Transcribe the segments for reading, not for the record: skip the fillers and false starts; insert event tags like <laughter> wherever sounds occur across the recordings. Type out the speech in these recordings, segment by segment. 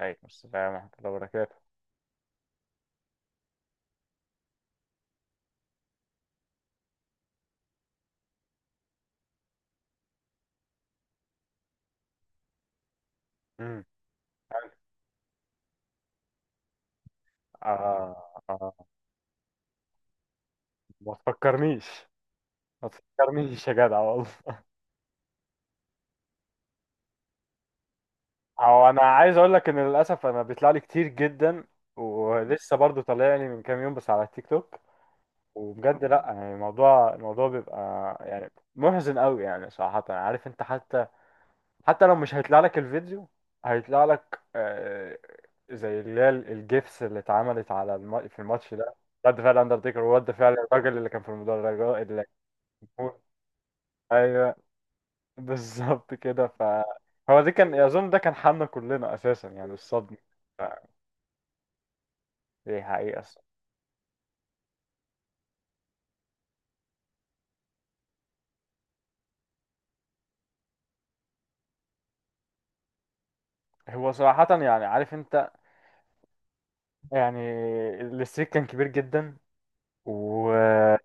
عليكم السلام ورحمة الله وبركاته. امم. حلو. آه، آه. ما تفكرنيش، ما تفكرنيش يا جدع والله. هو أنا عايز أقول لك إن للأسف أنا بيطلع لي كتير جدا، ولسه برضو طالع لي من كام يوم بس على التيك توك. وبجد لأ، يعني الموضوع بيبقى يعني محزن قوي، يعني صراحة عارف أنت، حتى لو مش هيطلع لك الفيديو، هيطلع لك زي اللي هي الجيفس اللي اتعملت على في الماتش ده. رد فعل اندرتيكر ورد فعل الراجل اللي كان في المدرج. ايوه، بالظبط كده. هو دي كان اظن ده كان حالنا كلنا اساسا يعني الصدمه. ف... دي حقيقه الصراحة. هو صراحه يعني عارف انت، يعني الاستريك كان كبير جدا. و اه،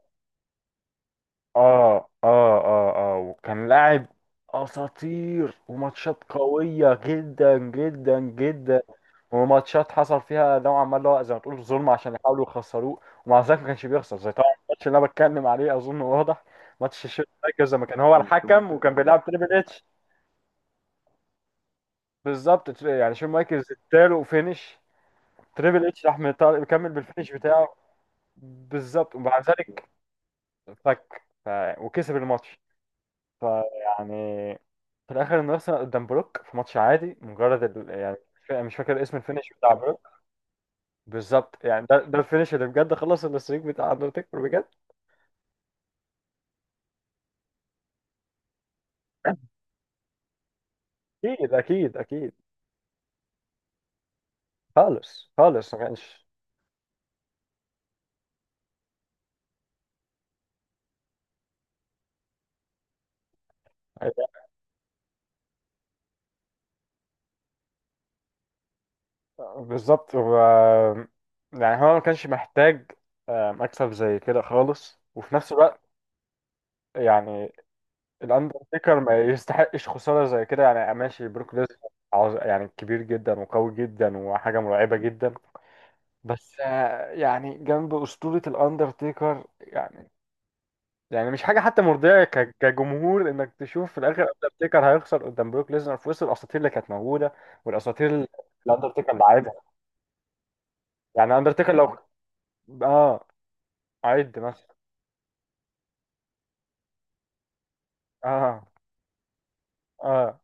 اه، اه، اه، وكان لاعب اساطير وماتشات قويه جدا جدا جدا، وماتشات حصل فيها نوعا ما اللي هو زي ما تقول ظلم عشان يحاولوا يخسروه ومع ذلك ما كانش بيخسر، زي طبعا الماتش اللي انا بتكلم عليه، اظن واضح. ماتش شون مايكلز لما كان هو الحكم وكان بيلعب تريبل اتش. بالظبط، يعني شون مايكلز اداله فينش، تريبل اتش راح مكمل بالفينش بتاعه. بالظبط، ومع ذلك فك ف... وكسب الماتش. فيعني في الاخر انه اصلا قدام بروك في ماتش عادي مجرد يعني مش فاكر اسم الفينش بتاع بروك. بالظبط، يعني ده الفينش اللي بجد خلص الستريك بتاع اندرتيكر بجد. اكيد، اكيد، اكيد. خالص خالص ما كانش. <laughs> بالظبط. يعني هو ما كانش محتاج مكسب زي كده خالص، وفي نفس الوقت يعني الاندرتيكر ما يستحقش خسارة زي كده. يعني ماشي بروك ليسنر، يعني كبير جدا وقوي جدا وحاجة مرعبة جدا، بس يعني جنب أسطورة الأندرتيكر يعني، يعني مش حاجه حتى مرضيه كجمهور انك تشوف في الاخر اندرتيكر هيخسر قدام بروك ليزنر في وسط الاساطير اللي كانت موجوده. والاساطير اللي الاندرتيكر اللي عادها، يعني اندرتيكر لو، اه، عد مثلا. اه، اه،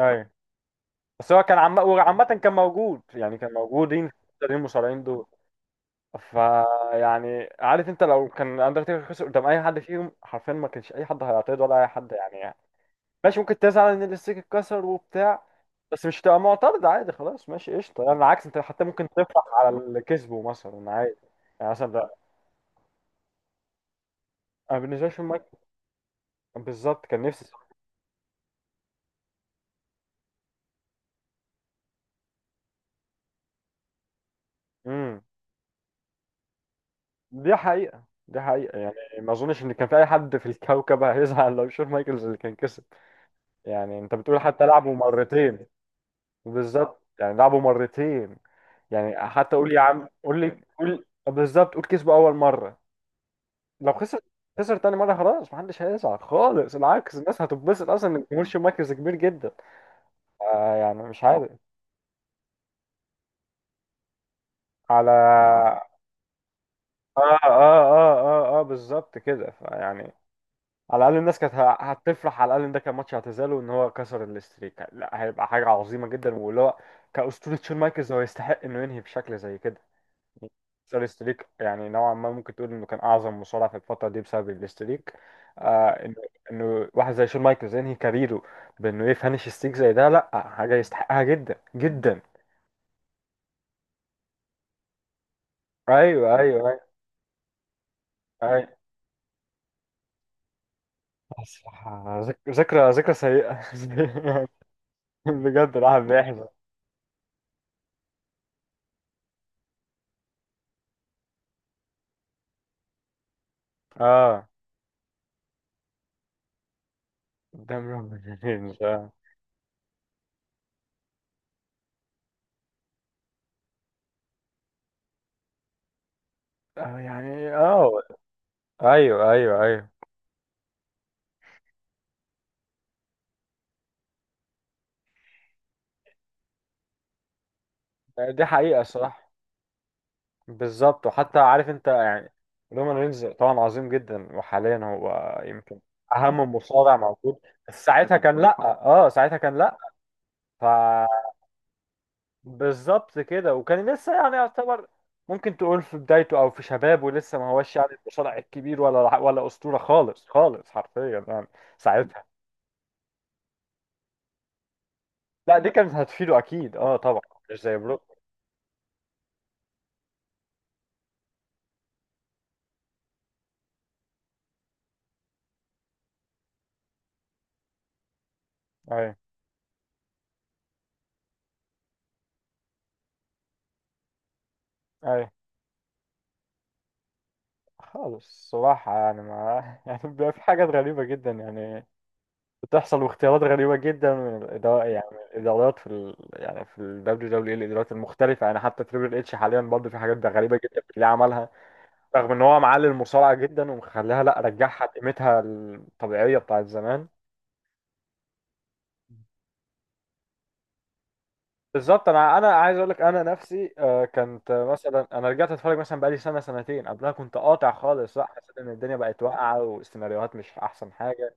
ايوه. بس هو كان عم وعامه كان موجود، يعني كان موجودين التانيين المصارعين دول. فيعني عارف انت، لو كان اندرتيكر خسر قدام اي حد فيهم حرفيا ما كانش اي حد هيعترض، ولا اي حد يعني يعني ماشي ممكن تزعل ان الاستيك اتكسر وبتاع، بس مش تبقى معترض. عادي خلاص، ماشي قشطه، يعني العكس انت حتى ممكن تفرح على اللي كسبه مثلا عادي. يعني مثلا ده انا بالنسبه لي شون مايك، بالظبط، كان نفسي. امم. دي حقيقه، دي حقيقه، يعني ما اظنش ان كان في اي حد في الكوكب هيزعل لو شون مايكلز اللي كان كسب. يعني انت بتقول حتى لعبوا مرتين، بالظبط يعني لعبوا مرتين. يعني حتى قول يا عم، قول لي، قول بالظبط، قول كسبوا اول مره، لو خسر خسر تاني مره، خلاص محدش هيزعل خالص، العكس الناس هتتبسط اصلا ان جمهور شون مايكلز كبير جدا. يعني مش عارف. على، اه، اه، اه، اه، اه، بالظبط كده، فيعني على الاقل الناس كانت هتفرح. على الاقل ان ده كان ماتش اعتزاله، وان هو كسر الستريك لا هيبقى حاجه عظيمه جدا، واللي هو كاسطوره شون مايكلز هو يستحق انه ينهي بشكل زي كده. كسر الستريك يعني نوعا ما ممكن تقول انه كان اعظم مصارع في الفتره دي بسبب الستريك. آه انه انه واحد زي شون مايكلز ينهي كاريره بانه يفنش ستريك زي ده، لا حاجه يستحقها جدا جدا. ايوه، ايوه، ايوه. أيوة. الصراحة ذكرى سيئة. <laughs> بجد الواحد بيحزن. اه، قدام ربنا مش اه، يعني اه، ايوه، ايوه، ايوه، دي حقيقة الصراحة. بالظبط، وحتى عارف انت يعني لومان رينز طبعا عظيم جدا، وحاليا هو يمكن اهم مصارع موجود، بس ساعتها كان لا. اه ساعتها كان، لا، بالظبط كده. وكان لسه يعني يعتبر، ممكن تقول في بدايته او في شبابه، لسه ما هوش يعني المصارع الكبير ولا اسطوره خالص خالص حرفيا يعني ساعتها. لا دي كانت هتفيده اكيد، اه طبعا، مش زي بروك. اي، اي، خالص صراحه يعني ما <laughs> يعني بيبقى في حاجات غريبه جدا يعني بتحصل، واختيارات غريبه جدا من الاداره، يعني من الادارات في يعني في الدبليو دبليو اي، الادارات المختلفه. يعني حتى تريبل اتش حاليا برضه في حاجات غريبه جدا بتلاقيه عملها، رغم ان هو معلي المصارعه جدا، ومخليها لا رجعها لقيمتها الطبيعيه بتاعت زمان. بالظبط، انا عايز اقول لك انا نفسي كنت مثلا انا رجعت اتفرج مثلا بقالي سنه سنتين. قبلها كنت قاطع خالص، لا حسيت ان الدنيا بقت واقعه والسيناريوهات مش احسن حاجه،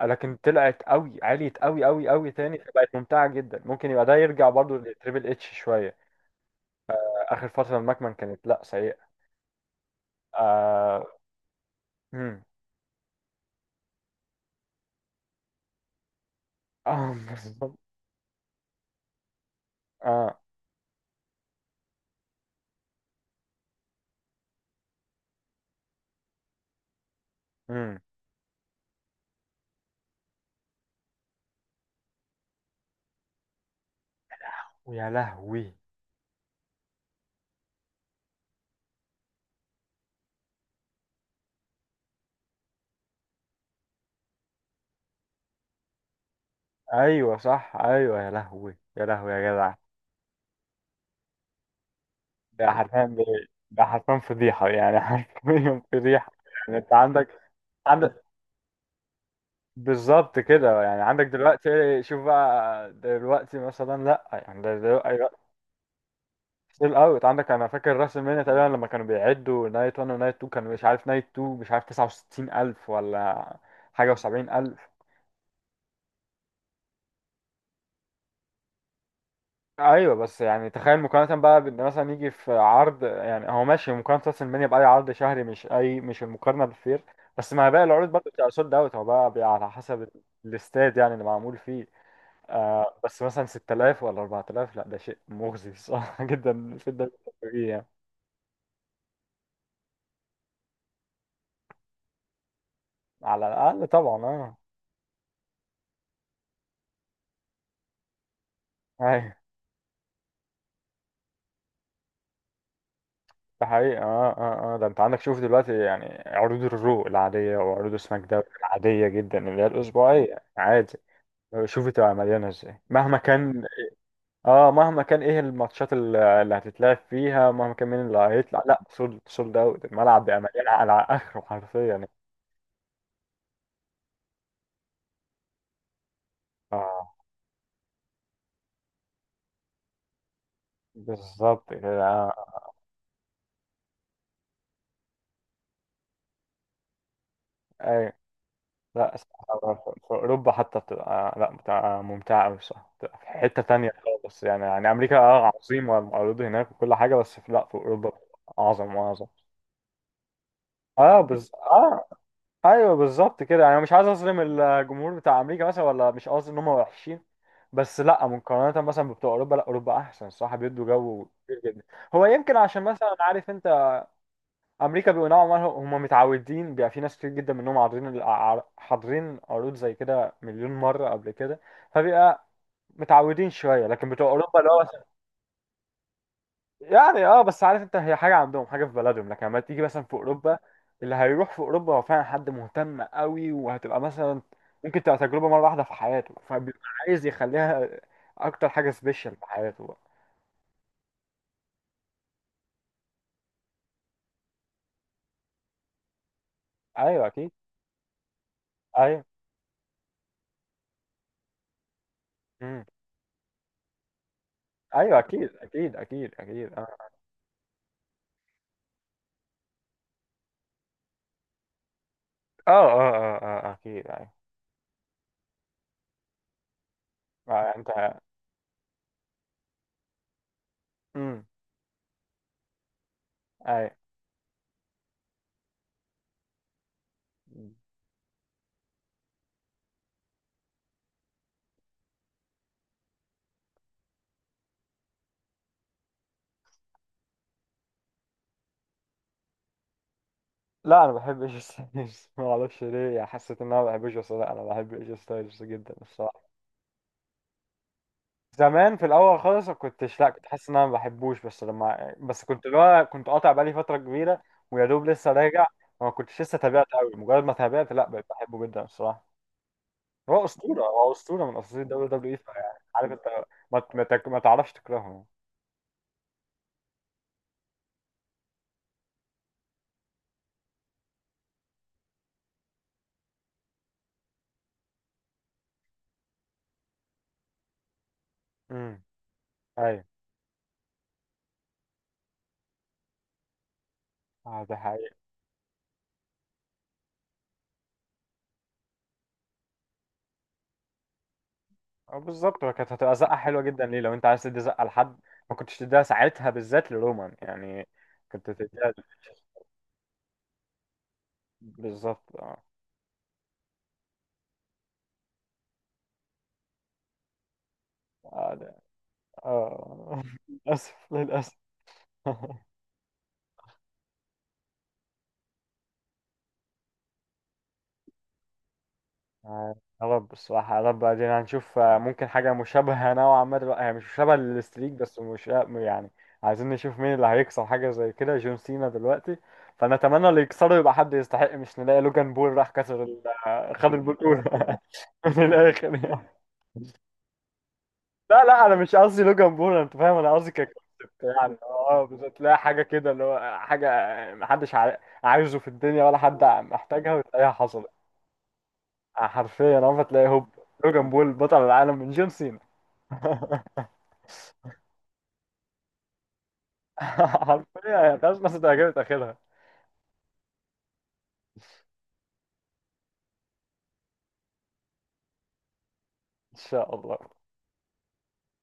لكن طلعت قوي، عليت قوي قوي قوي تاني، فبقت ممتعه جدا. ممكن يبقى ده يرجع برضو لتريبل اتش شويه. اخر فتره المكمن كانت لا سيئه. اه. امم. اه <laughs> بالظبط. اه. امم. ويا لهوي، ايوه صح، ايوه يا لهوي يا لهوي يا جدع. ده حرفيا ده حرفيا فضيحه، يعني <laughs> حرفيا فضيحه. يعني انت عندك، عندك، بالظبط كده، يعني عندك دلوقتي. شوف بقى دلوقتي مثلا، لا يعني ده دلوقتي ستيل اوت. عندك انا فاكر راس المنيا تقريبا لما كانوا بيعدوا نايت 1 ونايت 2، كانوا مش عارف نايت 2 مش عارف 69 الف ولا حاجه و70000. ايوه بس يعني تخيل مقارنه بقى بان مثلا يجي في عرض، يعني هو ماشي مقارنه راس المنيا باي عرض شهري مش، اي مش المقارنه بالفير، بس مع باقي العروض برضه بتبقى سولد اوت. هو بقى بيبقى على حسب الاستاد يعني اللي معمول فيه. آه بس مثلا 6000 ولا 4000، لا ده شيء مغزي صح <laughs> جدا في الدوري السعودي يعني. على الاقل طبعا اه. ايوه، ده حقيقي. اه، اه، اه، ده انت عندك شوف دلوقتي، يعني عروض الرو العاديه وعروض سماك داون العاديه جدا اللي هي الاسبوعيه عادي، شوفي تبقى مليانة ازاي مهما كان. اه مهما كان ايه الماتشات اللي هتتلعب فيها، مهما كان مين اللي هيطلع، لا سولد، سولد اوت الملعب بقى مليان على اخره حرفيا يعني. اه بالظبط كده. اي لا صراحة في، في اوروبا حتى بتبقى لا بتبقى ممتعه قوي صح، بتبقى في حته تانية خالص يعني، يعني امريكا اه عظيمه والمعروض هناك وكل حاجه، بس في لا في اوروبا اعظم واعظم. اه بس اه، ايوه بالظبط كده، يعني مش عايز اظلم الجمهور بتاع امريكا مثلا، ولا مش قصدي ان هم وحشين، بس لا مقارنه مثلا بتوع اوروبا، لا اوروبا احسن صح، بيدوا جو كتير جدا. هو يمكن عشان مثلا عارف انت امريكا بيبقوا نوعا ما هم متعودين، بيبقى في ناس كتير جدا منهم حاضرين حاضرين عروض زي كده مليون مره قبل كده، فبيبقى متعودين شويه. لكن بتوع اوروبا اللي هو، يعني اه بس عارف انت، هي حاجه عندهم حاجه في بلدهم، لكن لما تيجي مثلا في اوروبا، اللي هيروح في اوروبا هو فعلا حد مهتم قوي، وهتبقى مثلا ممكن تبقى تجربه مره واحده في حياته، فبيبقى عايز يخليها اكتر حاجه سبيشال في حياته بقى. ايوه اكيد. ايوه. امم. ايوه اكيد اكيد اكيد اكيد. اه، اه، اه، اه، آه، آه، اكيد، ايوه. آه انت. امم. ايوه. مم. لا انا بحب ايجي <laughs> ستايلز، ما اعرفش <laughs> ليه يعني حسيت ان انا ما بحبش، بس لا انا بحب ايجي ستايلز جدا. زمان في الاول خالص ما كنتش، لا كنت حاسس ان انا ما بحبوش، بس لما بس كنت اللي هو كنت قاطع بقالي فتره كبيره ويا دوب لسه راجع، وما كنتش لسه تابعت قوي. مجرد ما تابعت، لا بقيت بحبه جدا الصراحه. هو اسطوره، هو اسطوره من اساطير الدوري دبليو اي، فيعني عارف انت، ما تعرفش تكرهه يعني. امم. ايوه. اه ده حقيقي. بالظبط، هو كانت هتبقى زقه حلوه جدا ليه، لو انت عايز تدي زقه لحد، ما كنتش تديها ساعتها بالذات لرومان يعني، كنت تديها. بالظبط اه. آه، ده- اه <laughs> للاسف، للاسف. <laughs> يا رب الصراحة، يا رب ادينا، هنشوف ممكن حاجة مشابهة نوعا ما دلوقتي، هي مش مشابهة للستريك بس، مش يعني، عايزين نشوف مين اللي هيكسر حاجة زي كده، جون سينا دلوقتي. فنتمنى اللي يكسره يبقى حد يستحق، مش نلاقي لوجان بول راح كسر خد البطولة. <laughs> من الآخر يعني. لا لا أنا مش قصدي لوجان بول، أنت فاهم أنا قصدي ككونسبت، يعني أه بالظبط تلاقي حاجة كده، اللي هو حاجة عايزه في الدنيا، ولا حد محتاجها، وتلاقيها حصلت. حرفيا عمرك تلاقي هوب، لوجان بول بطل العالم من جون سينا. <laughs> حرفيا هي ملهاش لازمة، تعجبت آخرها. إن شاء الله.